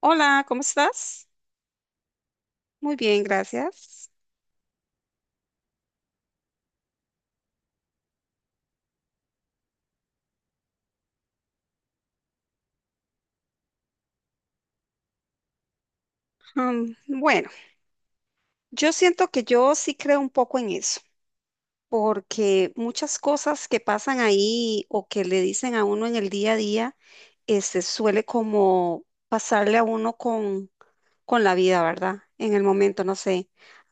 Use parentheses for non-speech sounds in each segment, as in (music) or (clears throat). Hola, ¿cómo estás? Muy bien, gracias. Bueno, yo siento que yo sí creo un poco en eso, porque muchas cosas que pasan ahí o que le dicen a uno en el día a día, este, suele como pasarle a uno con la vida, ¿verdad? En el momento, no sé.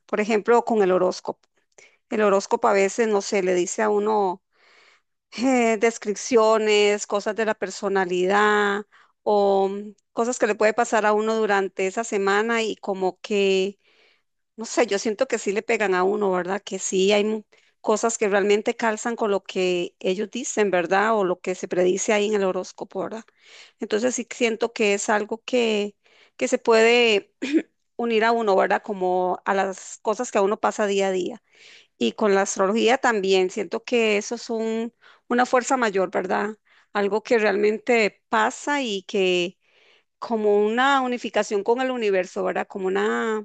Por ejemplo, con el horóscopo. El horóscopo a veces, no sé, le dice a uno. Descripciones, cosas de la personalidad o cosas que le puede pasar a uno durante esa semana y como que, no sé, yo siento que sí le pegan a uno, ¿verdad? Que sí hay cosas que realmente calzan con lo que ellos dicen, ¿verdad? O lo que se predice ahí en el horóscopo, ¿verdad? Entonces sí siento que es algo que se puede (clears throat) unir a uno, ¿verdad? Como a las cosas que a uno pasa día a día. Y con la astrología también, siento que eso es una fuerza mayor, ¿verdad? Algo que realmente pasa y que como una unificación con el universo, ¿verdad? Como una,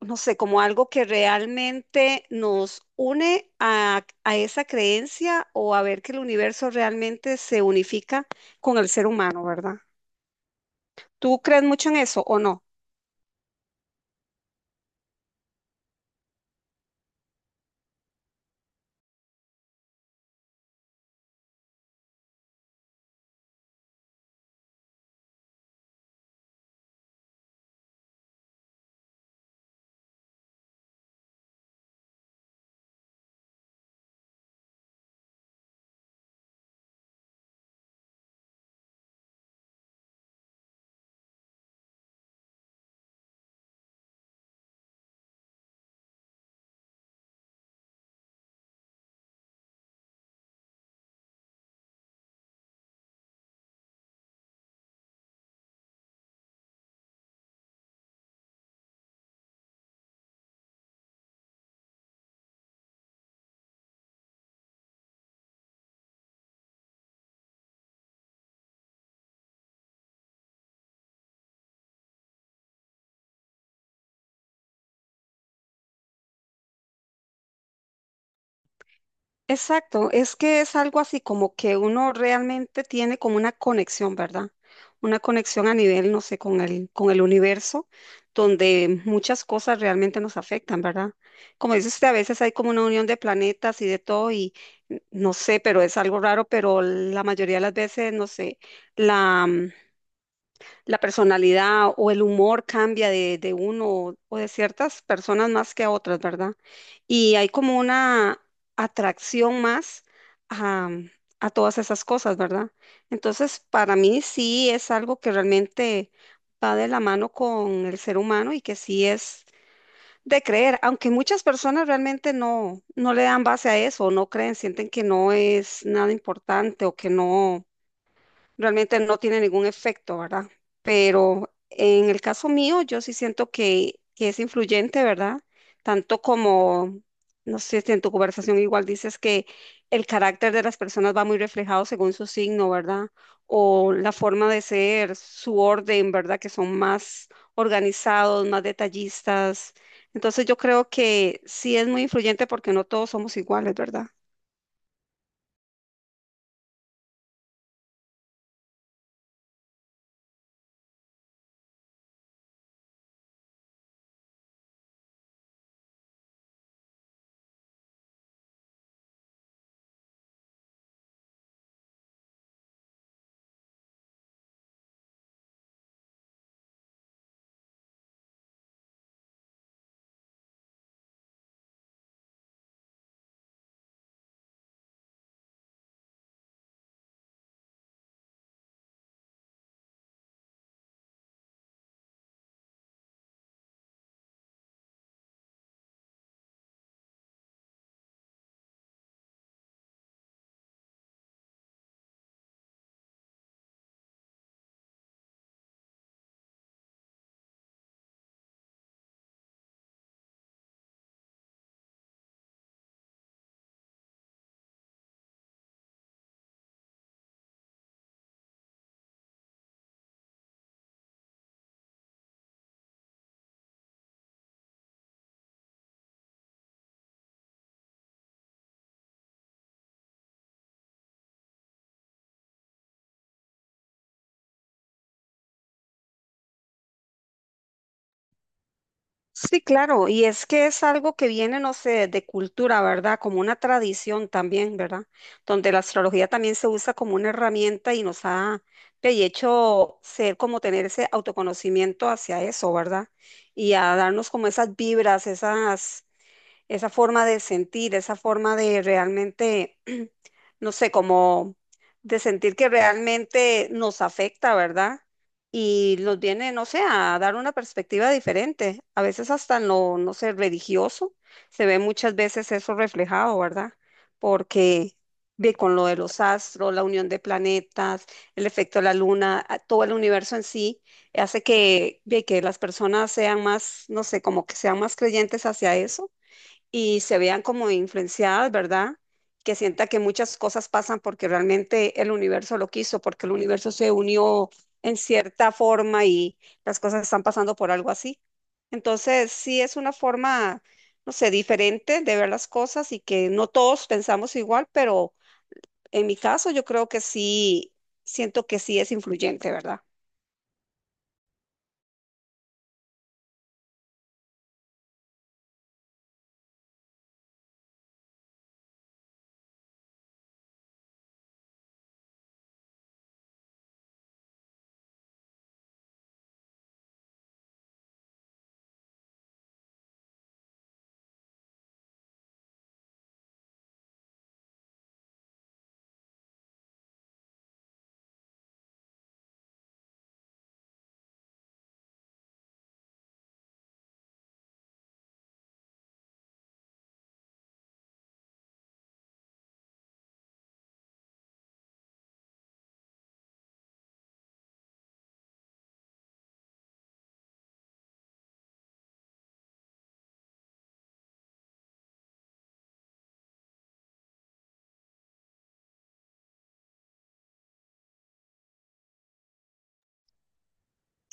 no sé, como algo que realmente nos une a esa creencia o a ver que el universo realmente se unifica con el ser humano, ¿verdad? ¿Tú crees mucho en eso o no? Exacto, es que es algo así como que uno realmente tiene como una conexión, ¿verdad? Una conexión a nivel, no sé, con con el universo, donde muchas cosas realmente nos afectan, ¿verdad? Como dice usted, a veces hay como una unión de planetas y de todo, y no sé, pero es algo raro, pero la mayoría de las veces, no sé, la personalidad o el humor cambia de uno o de ciertas personas más que a otras, ¿verdad? Y hay como una atracción más a, a todas esas cosas, ¿verdad? Entonces, para mí sí es algo que realmente va de la mano con el ser humano y que sí es de creer, aunque muchas personas realmente no le dan base a eso, no creen, sienten que no es nada importante o que no realmente no tiene ningún efecto, ¿verdad? Pero en el caso mío, yo sí siento que es influyente, ¿verdad? Tanto como, no sé si en tu conversación igual dices que el carácter de las personas va muy reflejado según su signo, ¿verdad? O la forma de ser, su orden, ¿verdad? Que son más organizados, más detallistas. Entonces yo creo que sí es muy influyente porque no todos somos iguales, ¿verdad? Sí, claro, y es que es algo que viene, no sé, de cultura, ¿verdad? Como una tradición también, ¿verdad? Donde la astrología también se usa como una herramienta y nos ha de hecho ser como tener ese autoconocimiento hacia eso, ¿verdad? Y a darnos como esas vibras, esa forma de sentir, esa forma de realmente, (clears throat) no sé, como de sentir que realmente nos afecta, ¿verdad? Y nos viene, no sé, a dar una perspectiva diferente. A veces hasta en lo, no sé, religioso, se ve muchas veces eso reflejado, ¿verdad? Porque ve con lo de los astros, la unión de planetas, el efecto de la luna, todo el universo en sí, hace que, ve que las personas sean más, no sé, como que sean más creyentes hacia eso y se vean como influenciadas, ¿verdad? Que sienta que muchas cosas pasan porque realmente el universo lo quiso, porque el universo se unió en cierta forma y las cosas están pasando por algo así. Entonces, sí es una forma, no sé, diferente de ver las cosas y que no todos pensamos igual, pero en mi caso yo creo que sí, siento que sí es influyente, ¿verdad?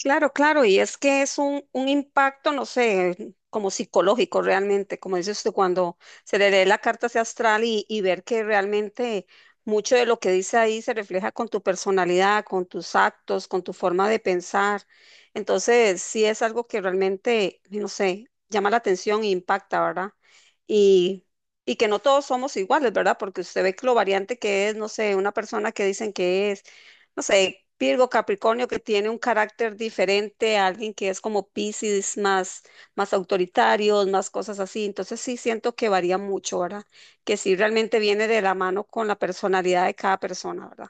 Claro, claro, y es que es un impacto, no sé, como psicológico realmente, como dice usted, cuando se le lee la carta hacia astral y ver que realmente mucho de lo que dice ahí se refleja con tu personalidad, con tus actos, con tu forma de pensar. Entonces, sí es algo que realmente, no sé, llama la atención e impacta, ¿verdad? Y, y que no todos somos iguales, ¿verdad? Porque usted ve que lo variante que es, no sé, una persona que dicen que es no sé, Virgo, Capricornio, que tiene un carácter diferente a alguien que es como Piscis, más, más autoritarios, más cosas así. Entonces sí siento que varía mucho, ¿verdad? Que sí realmente viene de la mano con la personalidad de cada persona, ¿verdad?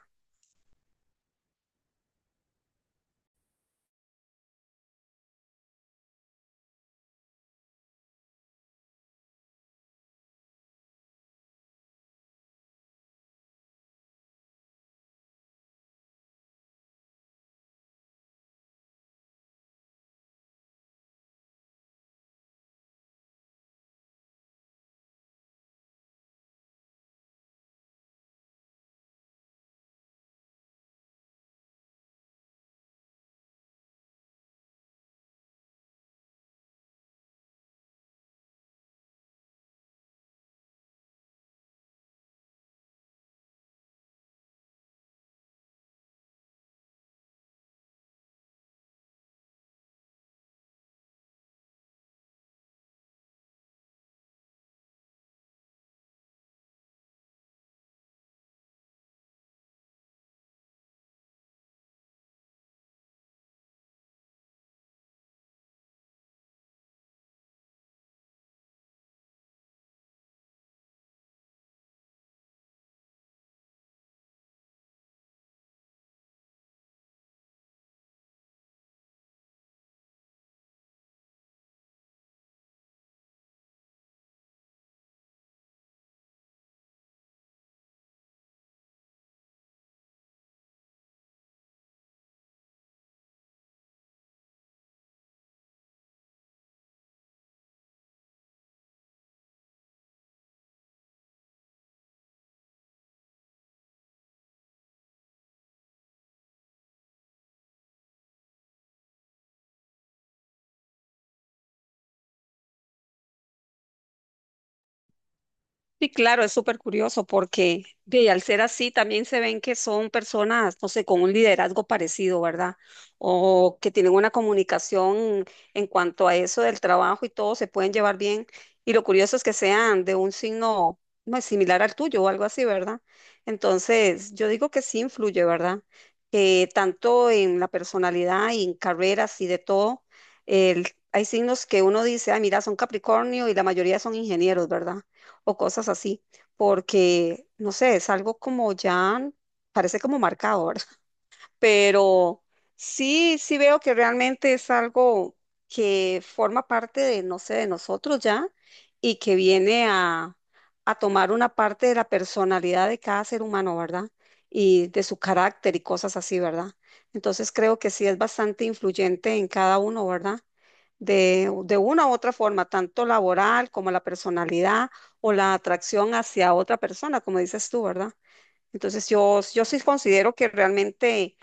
Sí, claro, es súper curioso porque ve, al ser así también se ven que son personas, no sé, con un liderazgo parecido, ¿verdad? O que tienen una comunicación en cuanto a eso del trabajo y todo, se pueden llevar bien. Y lo curioso es que sean de un signo no, similar al tuyo o algo así, ¿verdad? Entonces, yo digo que sí influye, ¿verdad? Que tanto en la personalidad y en carreras y de todo, el- hay signos que uno dice, ah, mira, son Capricornio y la mayoría son ingenieros, ¿verdad? O cosas así, porque, no sé, es algo como ya, parece como marcador pero sí veo que realmente es algo que forma parte de, no sé, de nosotros ya y que viene a tomar una parte de la personalidad de cada ser humano, ¿verdad? Y de su carácter y cosas así, ¿verdad? Entonces creo que sí es bastante influyente en cada uno, ¿verdad? De una u otra forma, tanto laboral como la personalidad o la atracción hacia otra persona, como dices tú, ¿verdad? Entonces yo sí considero que realmente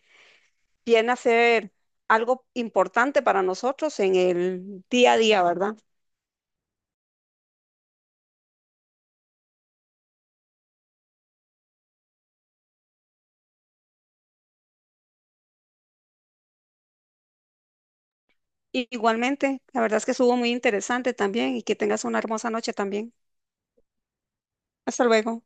viene a ser algo importante para nosotros en el día a día, ¿verdad? Igualmente, la verdad es que estuvo muy interesante también y que tengas una hermosa noche también. Hasta luego.